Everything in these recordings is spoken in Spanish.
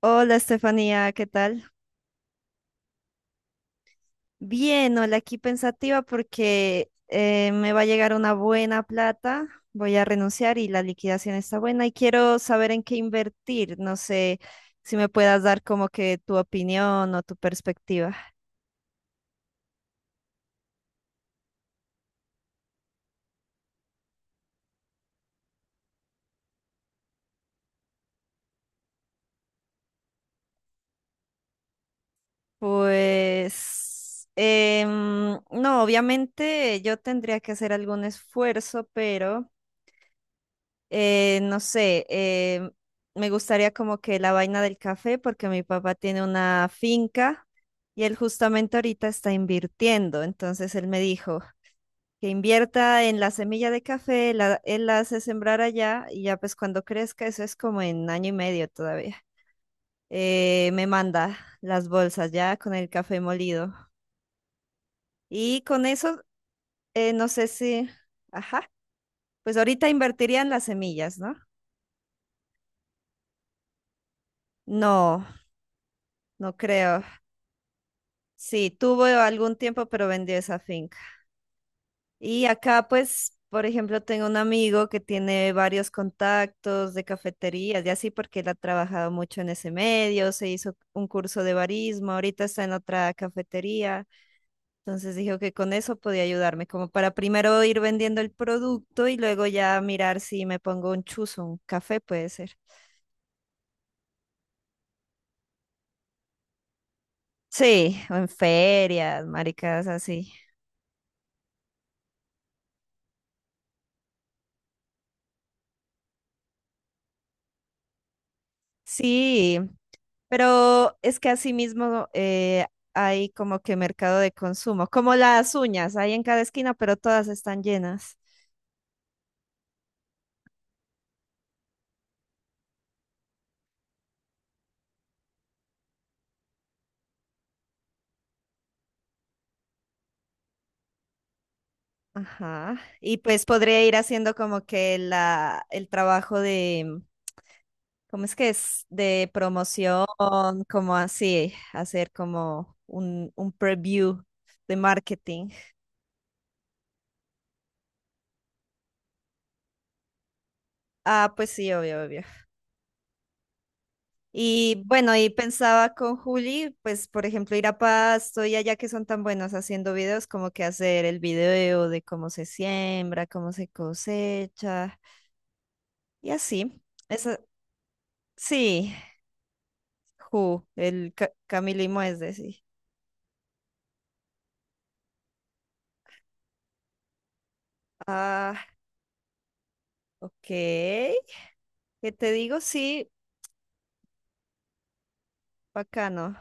Hola Estefanía, ¿qué tal? Bien, hola, aquí pensativa porque me va a llegar una buena plata, voy a renunciar y la liquidación está buena y quiero saber en qué invertir, no sé si me puedas dar como que tu opinión o tu perspectiva. Pues, no, obviamente yo tendría que hacer algún esfuerzo, pero... No sé, me gustaría como que la vaina del café, porque mi papá tiene una finca y él justamente ahorita está invirtiendo. Entonces él me dijo que invierta en la semilla de café, él la hace sembrar allá y ya pues cuando crezca, eso es como en año y medio todavía. Me manda las bolsas ya con el café molido. Y con eso, no sé si, ajá, pues ahorita invertiría en las semillas, ¿no? No, no creo. Sí, tuvo algún tiempo, pero vendió esa finca. Y acá, pues, por ejemplo, tengo un amigo que tiene varios contactos de cafeterías y así, porque él ha trabajado mucho en ese medio, se hizo un curso de barismo, ahorita está en otra cafetería. Entonces dijo que con eso podía ayudarme, como para primero ir vendiendo el producto y luego ya mirar si me pongo un chuzo, un café puede ser. Sí, o en ferias, maricas así. Sí, pero es que asimismo hay como que mercado de consumo, como las uñas, hay en cada esquina, pero todas están llenas. Ajá. Y pues podría ir haciendo como que el trabajo de, ¿cómo es que es? De promoción, como así, hacer como un preview de marketing. Ah, pues sí, obvio, obvio. Y bueno, y pensaba con Juli, pues por ejemplo, ir a Pasto y allá que son tan buenos haciendo videos, como que hacer el video de cómo se siembra, cómo se cosecha y así. Eso, sí, Ju, el Ca Camilo y Moesde, sí. Ah, ok. ¿Qué te digo? Sí, bacano.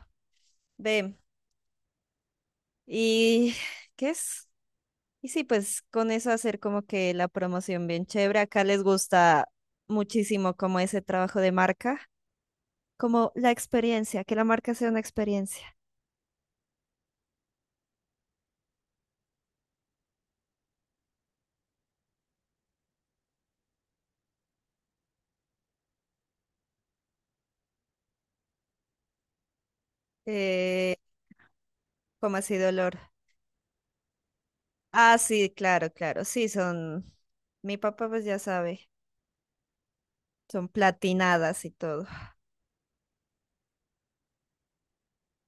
Ve, ¿y qué es? Y sí, pues con eso hacer como que la promoción bien chévere. Acá les gusta muchísimo como ese trabajo de marca, como la experiencia, que la marca sea una experiencia. Eh, Como así dolor. Ah, sí, claro, claro. Sí, son. Mi papá, pues ya sabe. Son platinadas y todo.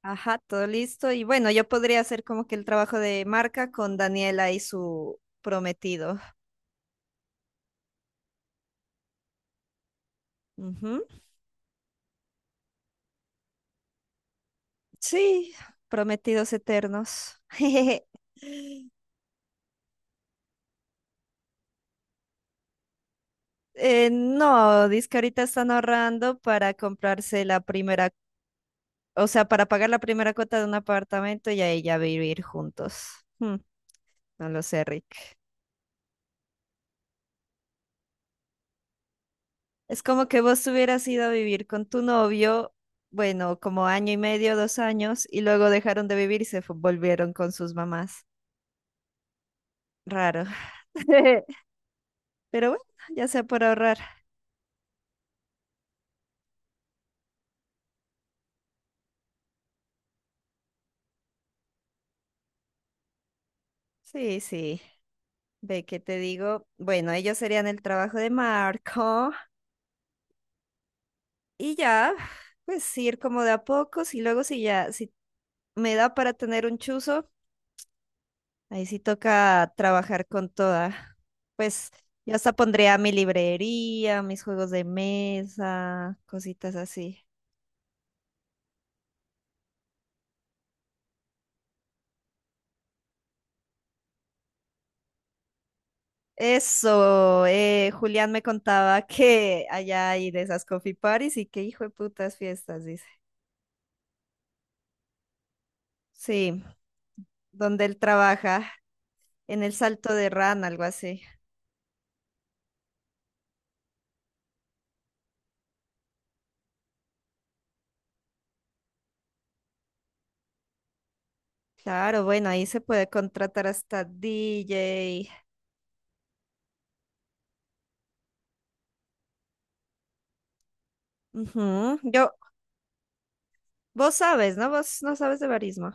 Ajá, todo listo. Y bueno, yo podría hacer como que el trabajo de marca con Daniela y su prometido. Ujú. Sí, prometidos eternos. No, dice que ahorita están ahorrando para comprarse la primera. O sea, para pagar la primera cuota de un apartamento y ahí ya vivir juntos. Hmm, no lo sé, Rick. Es como que vos hubieras ido a vivir con tu novio, bueno, como año y medio, dos años, y luego dejaron de vivir y volvieron con sus mamás. Raro. Pero bueno, ya sea por ahorrar. Sí, sí. Ve que te digo, bueno, ellos serían el trabajo de Marco y ya, pues ir como de a pocos y luego si ya, si me da para tener un chuzo. Ahí sí toca trabajar con toda. Pues yo hasta pondría mi librería, mis juegos de mesa, cositas así. Eso, Julián me contaba que allá hay de esas coffee parties y que hijo de putas fiestas, dice. Sí, donde él trabaja, en el Salto de Ran, algo así. Claro, bueno, ahí se puede contratar hasta DJ. Ujú, yo, vos sabes, ¿no? Vos no sabes de barismo.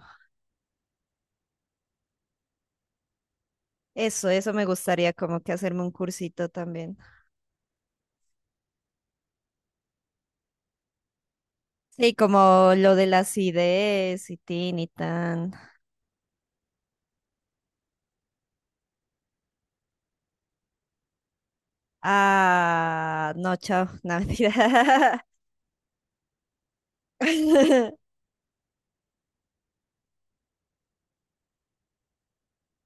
Eso me gustaría como que hacerme un cursito también. Sí, como lo de las ideas y tin y tan. Ah, no, chao, no, mentira.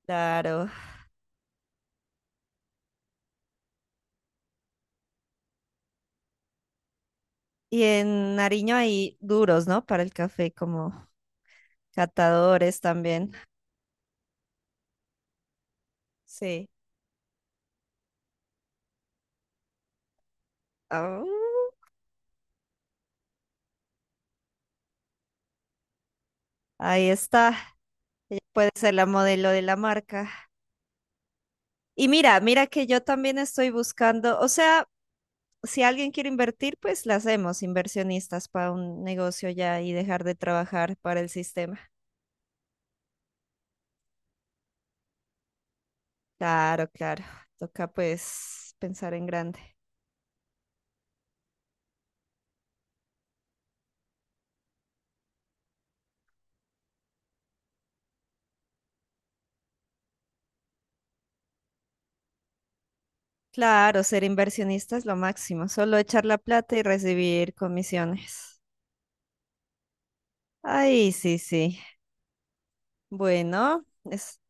Claro. Y en Nariño hay duros, ¿no? Para el café, como catadores también. Sí. Ah, ahí está. Ella puede ser la modelo de la marca. Y mira, mira que yo también estoy buscando, o sea... si alguien quiere invertir, pues la hacemos inversionistas para un negocio ya y dejar de trabajar para el sistema. Claro, claro. Toca pues pensar en grande. Claro, ser inversionista es lo máximo, solo echar la plata y recibir comisiones. Ay, sí, sí. Bueno, es,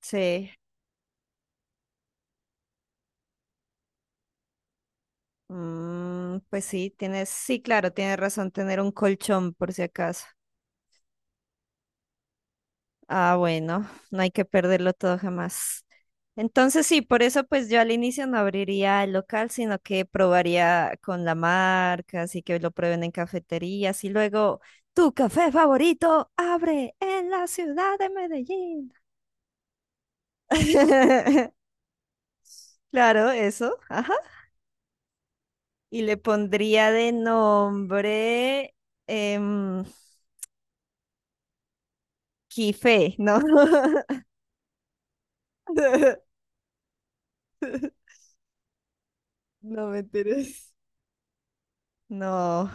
sí. Mm, pues sí, tienes, sí, claro, tienes razón, tener un colchón por si acaso. Ah, bueno, no hay que perderlo todo jamás. Entonces sí, por eso pues yo al inicio no abriría el local, sino que probaría con la marca, así que lo prueben en cafeterías y luego tu café favorito abre en la ciudad de Medellín. Claro, eso, ajá. Y le pondría de nombre em, Quife, ¿no? No mentiras. No,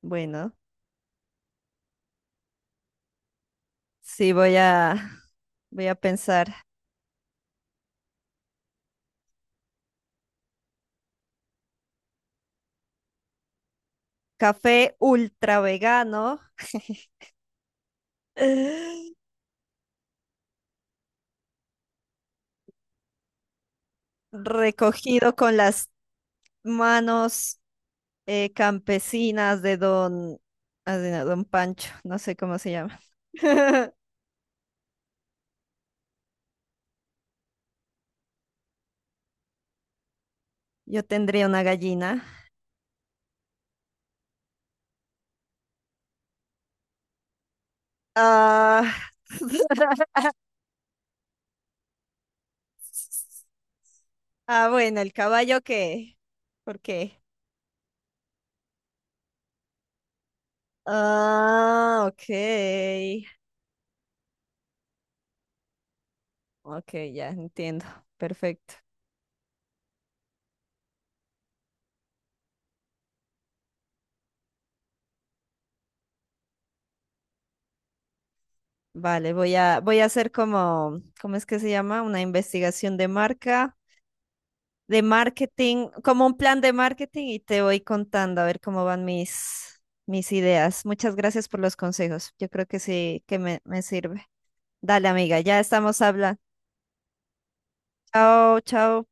bueno, sí voy a pensar. Café ultra vegano, recogido con las manos campesinas de don Pancho, no sé cómo se llama. Yo tendría una gallina. Ah, ah, bueno, el caballo que, ¿por qué? Ah, ok. Ok, ya entiendo. Perfecto. Vale, voy a hacer como, ¿cómo es que se llama? Una investigación de marca, de marketing, como un plan de marketing y te voy contando a ver cómo van mis ideas. Muchas gracias por los consejos. Yo creo que sí, que me sirve. Dale, amiga, ya estamos hablando. Chao, chao.